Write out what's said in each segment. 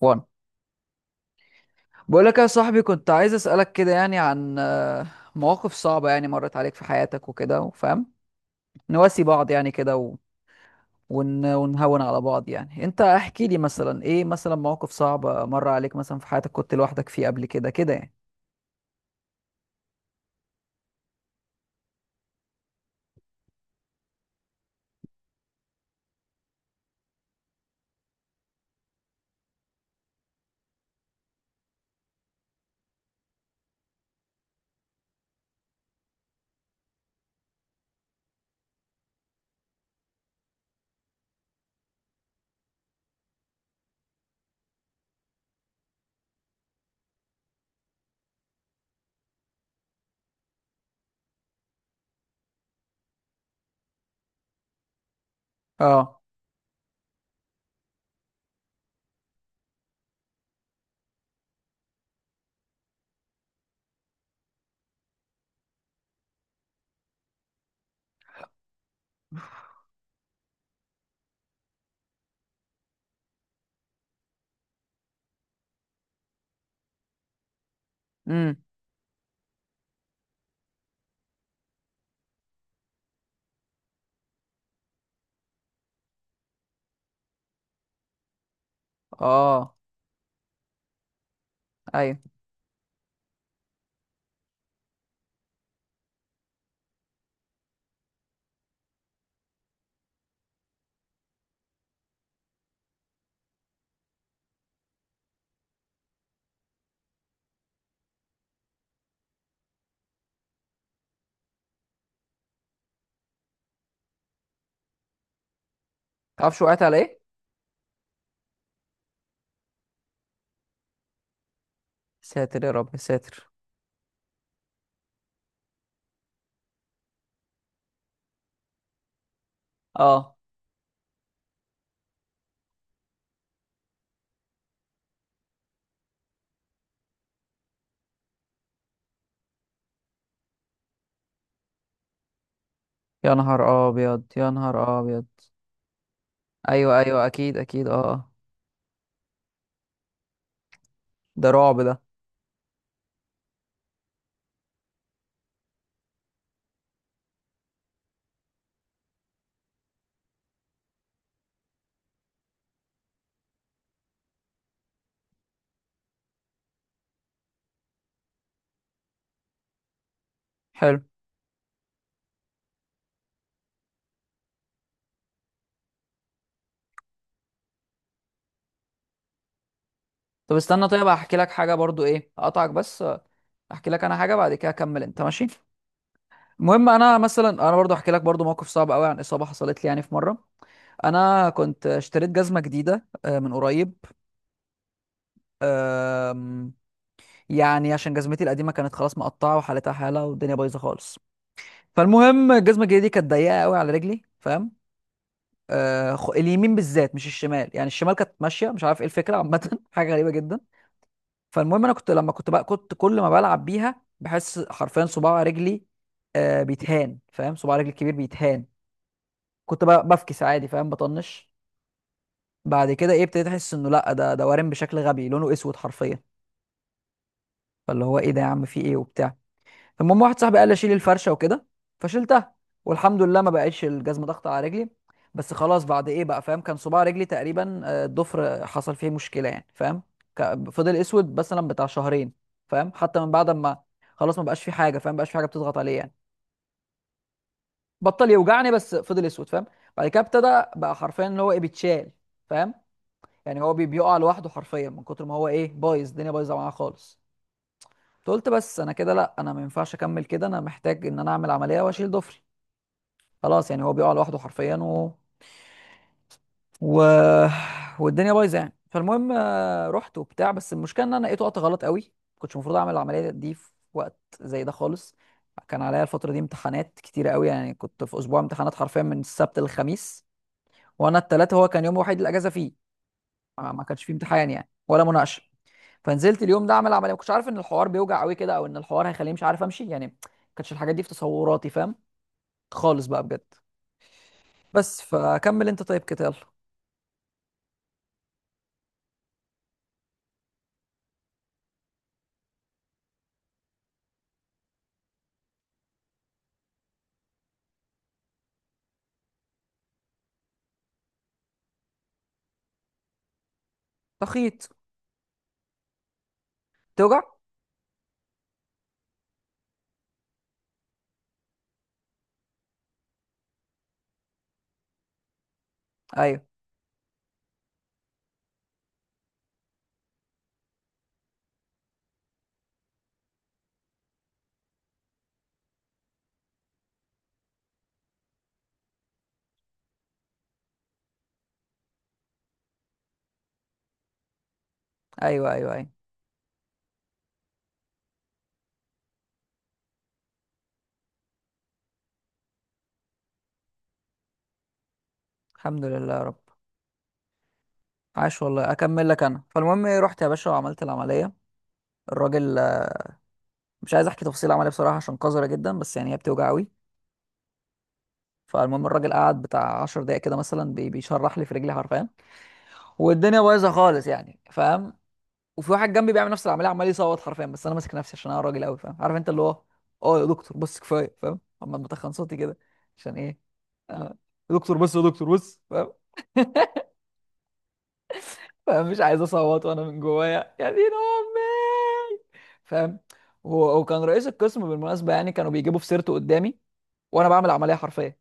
وان، بقول لك يا صاحبي كنت عايز اسالك كده يعني عن مواقف صعبه يعني مرت عليك في حياتك وكده، وفاهم نواسي بعض يعني كده ونهون على بعض. يعني انت احكي لي مثلا ايه مثلا مواقف صعبه مر عليك مثلا في حياتك، كنت لوحدك فيه قبل كده كده يعني. اه. امم. اه. ايوه. تعرفش وقعت على ايه؟ ساتر يا رب ساتر. اه، يا نهار ابيض يا نهار ابيض. ايوه ايوه، اكيد اكيد. اه آه. ده رعب ده. حلو. طب استنى، طيب هحكي لك حاجه برضو، ايه اقطعك بس احكي لك انا حاجه، بعد كده اكمل انت ماشي. المهم انا مثلا، انا برضو احكي لك برضو موقف صعب قوي عن اصابه حصلت لي يعني في مره. انا كنت اشتريت جزمه جديده من قريب. آم، يعني عشان جزمتي القديمه كانت خلاص مقطعه وحالتها حاله والدنيا بايظه خالص. فالمهم الجزمه الجديده دي كانت ضيقه قوي على رجلي، فاهم؟ اليمين بالذات مش الشمال، يعني الشمال كانت ماشيه، مش عارف ايه الفكره عامه حاجه غريبه جدا. فالمهم انا كنت لما كنت بقى كنت كل ما بلعب بيها بحس حرفيا صباع رجلي بيتهان، فاهم؟ صباع رجلي الكبير بيتهان. كنت بقى بفكس عادي، فاهم، بطنش. بعد كده ايه، ابتديت احس انه لا، ده وارم بشكل غبي، لونه اسود حرفيا. فاللي هو ايه ده يا عم، في ايه وبتاع. المهم واحد صاحبي قال لي اشيل الفرشه وكده، فشيلتها، والحمد لله ما بقتش الجزمه ضغط على رجلي. بس خلاص بعد ايه بقى فاهم، كان صباع رجلي تقريبا الضفر حصل فيه مشكله يعني، فاهم؟ فضل اسود مثلا بتاع شهرين، فاهم، حتى من بعد ما خلاص ما بقاش فيه حاجه، فاهم، ما بقاش فيه حاجه بتضغط عليه يعني. بطل يوجعني بس فضل اسود، فاهم. بعد كده ابتدى بقى حرفيا اللي هو ايه، بيتشال، فاهم؟ يعني هو بيقع لوحده حرفيا من كتر ما هو ايه بايظ، الدنيا بايظه معاه خالص. قلت بس انا كده لا، انا ما ينفعش اكمل كده، انا محتاج ان انا اعمل عمليه واشيل ضفري. خلاص يعني هو بيقع لوحده حرفيا و... والدنيا بايظه يعني. فالمهم رحت وبتاع، بس المشكله ان انا لقيته وقت غلط قوي. كنتش المفروض اعمل العمليه دي في وقت زي ده خالص. كان عليا الفتره دي امتحانات كتيره قوي، يعني كنت في اسبوع امتحانات حرفيا من السبت للخميس. وانا التلاتة هو كان يوم الوحيد الاجازه فيه، ما كانش فيه امتحان يعني ولا مناقشه. فنزلت اليوم ده اعمل عمليه، ما كنتش عارف ان الحوار بيوجع قوي كده، او ان الحوار هيخليني مش عارف امشي يعني. ما كانتش الحاجات دي في تصوراتي، فاهم؟ خالص بقى بجد. بس فكمل انت طيب كده يلا. تخيط. توجع. ايوه ايوه ايوه. ايوه. الحمد لله يا رب. عاش والله. اكمل لك انا، فالمهم إيه، رحت يا باشا وعملت العمليه. الراجل مش عايز احكي تفاصيل العمليه بصراحه عشان قذره جدا، بس يعني هي بتوجع قوي. فالمهم الراجل قعد بتاع 10 دقايق كده مثلا بيشرح لي في رجلي حرفيا، والدنيا بايظه خالص يعني، فاهم. وفي واحد جنبي بيعمل نفس العمليه عمال يصوت حرفيا، بس انا ماسك نفسي عشان انا راجل قوي، فاهم، عارف انت اللي هو، اه يا دكتور بس كفايه، فاهم، اما بتخن صوتي كده عشان ايه. آه، يا دكتور بس يا دكتور بس. فمش عايز اصوت، وانا من جوايا يا دين امي، فاهم. هو وكان رئيس القسم بالمناسبه يعني، كانوا بيجيبوا في سيرته قدامي وانا بعمل عمليه حرفيه.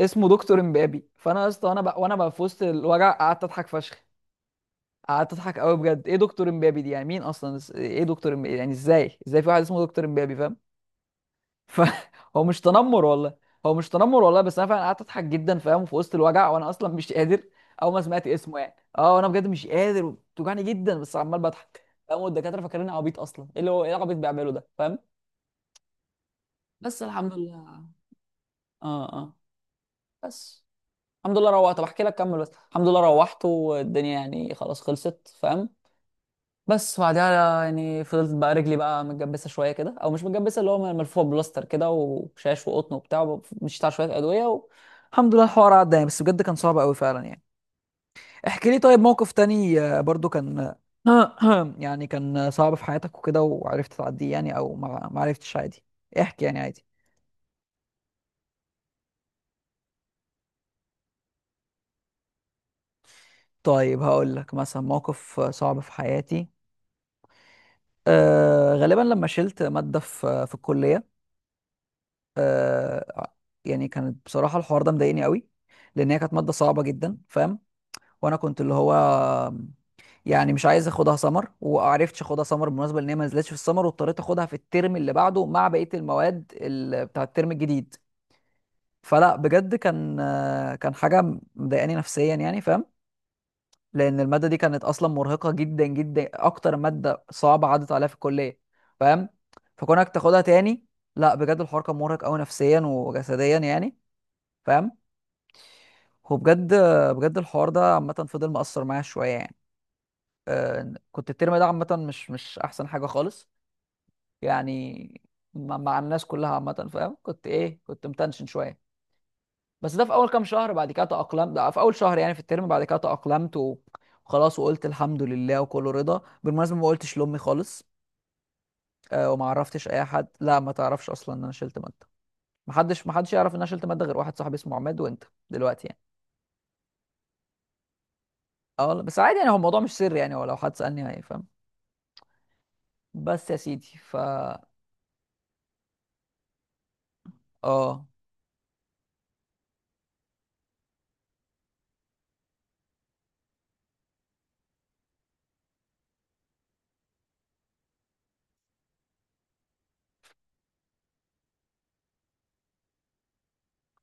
اسمه دكتور امبابي، فانا يا اسطى وانا وانا بقى في وسط الوجع قعدت اضحك فشخ. قعدت اضحك قوي بجد، ايه دكتور امبابي دي يعني، مين اصلا، ايه دكتور امبابي يعني، ازاي ازاي في واحد اسمه دكتور امبابي، فاهم. فهو مش تنمر والله. هو مش تنمر والله، بس انا فعلا قعدت اضحك جدا، فاهم، في وسط الوجع وانا اصلا مش قادر. اول ما سمعت اسمه يعني اه، انا بجد مش قادر وبتوجعني جدا، بس عمال بضحك، فاهم، والدكاتره فاكريني عبيط اصلا، ايه اللي هو ايه العبيط بيعمله ده، فاهم. بس الحمد لله. اه اه. بس الحمد لله روحت. طب احكي لك كمل، بس الحمد لله روحت والدنيا يعني خلاص خلصت، فاهم. بس بعدها يعني فضلت بقى رجلي بقى متجبسه شويه كده، او مش متجبسه، اللي هو ملفوفه بلاستر كده وشاش وقطن وبتاع، مشيت على شويه ادويه الحمد لله الحوار عدى يعني، بس بجد كان صعب قوي فعلا يعني. احكي لي طيب موقف تاني برضو كان يعني كان صعب في حياتك وكده، وعرفت تعديه يعني، او ما عرفتش عادي. احكي يعني عادي. طيب هقول لك مثلا موقف صعب في حياتي. أه غالبا لما شلت مادة في الكلية. آه يعني كانت بصراحة الحوار ده مضايقني قوي، لأن هي كانت مادة صعبة جدا، فاهم. وأنا كنت اللي هو يعني مش عايز اخدها سمر، وعرفتش اخدها سمر بالمناسبة، لأن هي ما نزلتش في السمر، واضطريت اخدها في الترم اللي بعده مع بقية المواد بتاع الترم الجديد. فلا بجد كان كان حاجة مضايقاني نفسيا يعني، فاهم، لأن المادة دي كانت أصلا مرهقة جدا جدا، أكتر مادة صعبة عدت عليها في الكلية، فاهم. فكونك تاخدها تاني، لا بجد الحوار كان مرهق قوي نفسيا وجسديا يعني، فاهم. هو بجد، بجد الحوار ده عامة فضل مأثر معايا شوية يعني. كنت الترم ده عامة مش أحسن حاجة خالص، يعني مع الناس كلها عامة، فاهم، كنت إيه، كنت متنشن شوية. بس ده في أول كام شهر، بعد كده تأقلمت، ده في أول شهر يعني في الترم، بعد كده تأقلمت و- وخلاص، وقلت الحمد لله وكله رضا. بالمناسبة ما قلتش لأمي خالص وما عرفتش أي حد، لا ما تعرفش أصلا إن أنا شلت مادة. محدش يعرف إن أنا شلت مادة غير واحد صاحبي اسمه عماد، وأنت دلوقتي يعني. اه والله، بس عادي يعني، هو الموضوع مش سر يعني، ولو حد سألني هيفهم. بس يا سيدي فا، اه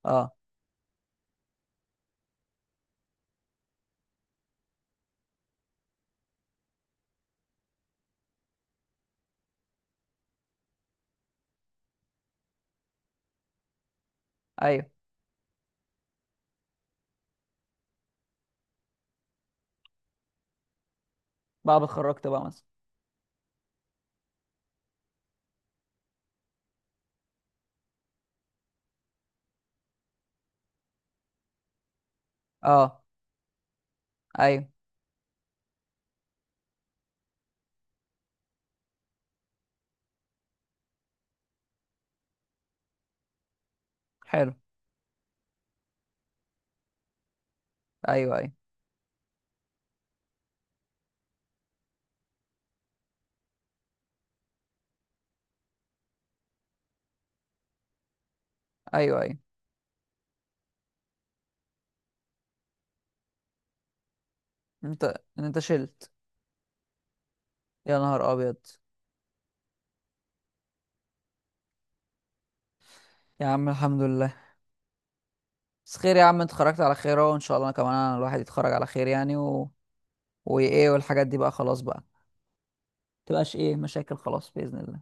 اه. ايوه بعد ما اتخرجت بقى مثلا. اه. ايوه. حلو. ايوه ايوه ايوه ايوه. انت شلت؟ يا نهار ابيض. يا عم الحمد لله. بس خير يا عم، انت اتخرجت على خير اهو، ان شاء الله انا كمان، انا الواحد يتخرج على خير يعني وايه، والحاجات دي بقى خلاص بقى، متبقاش ايه مشاكل خلاص باذن الله.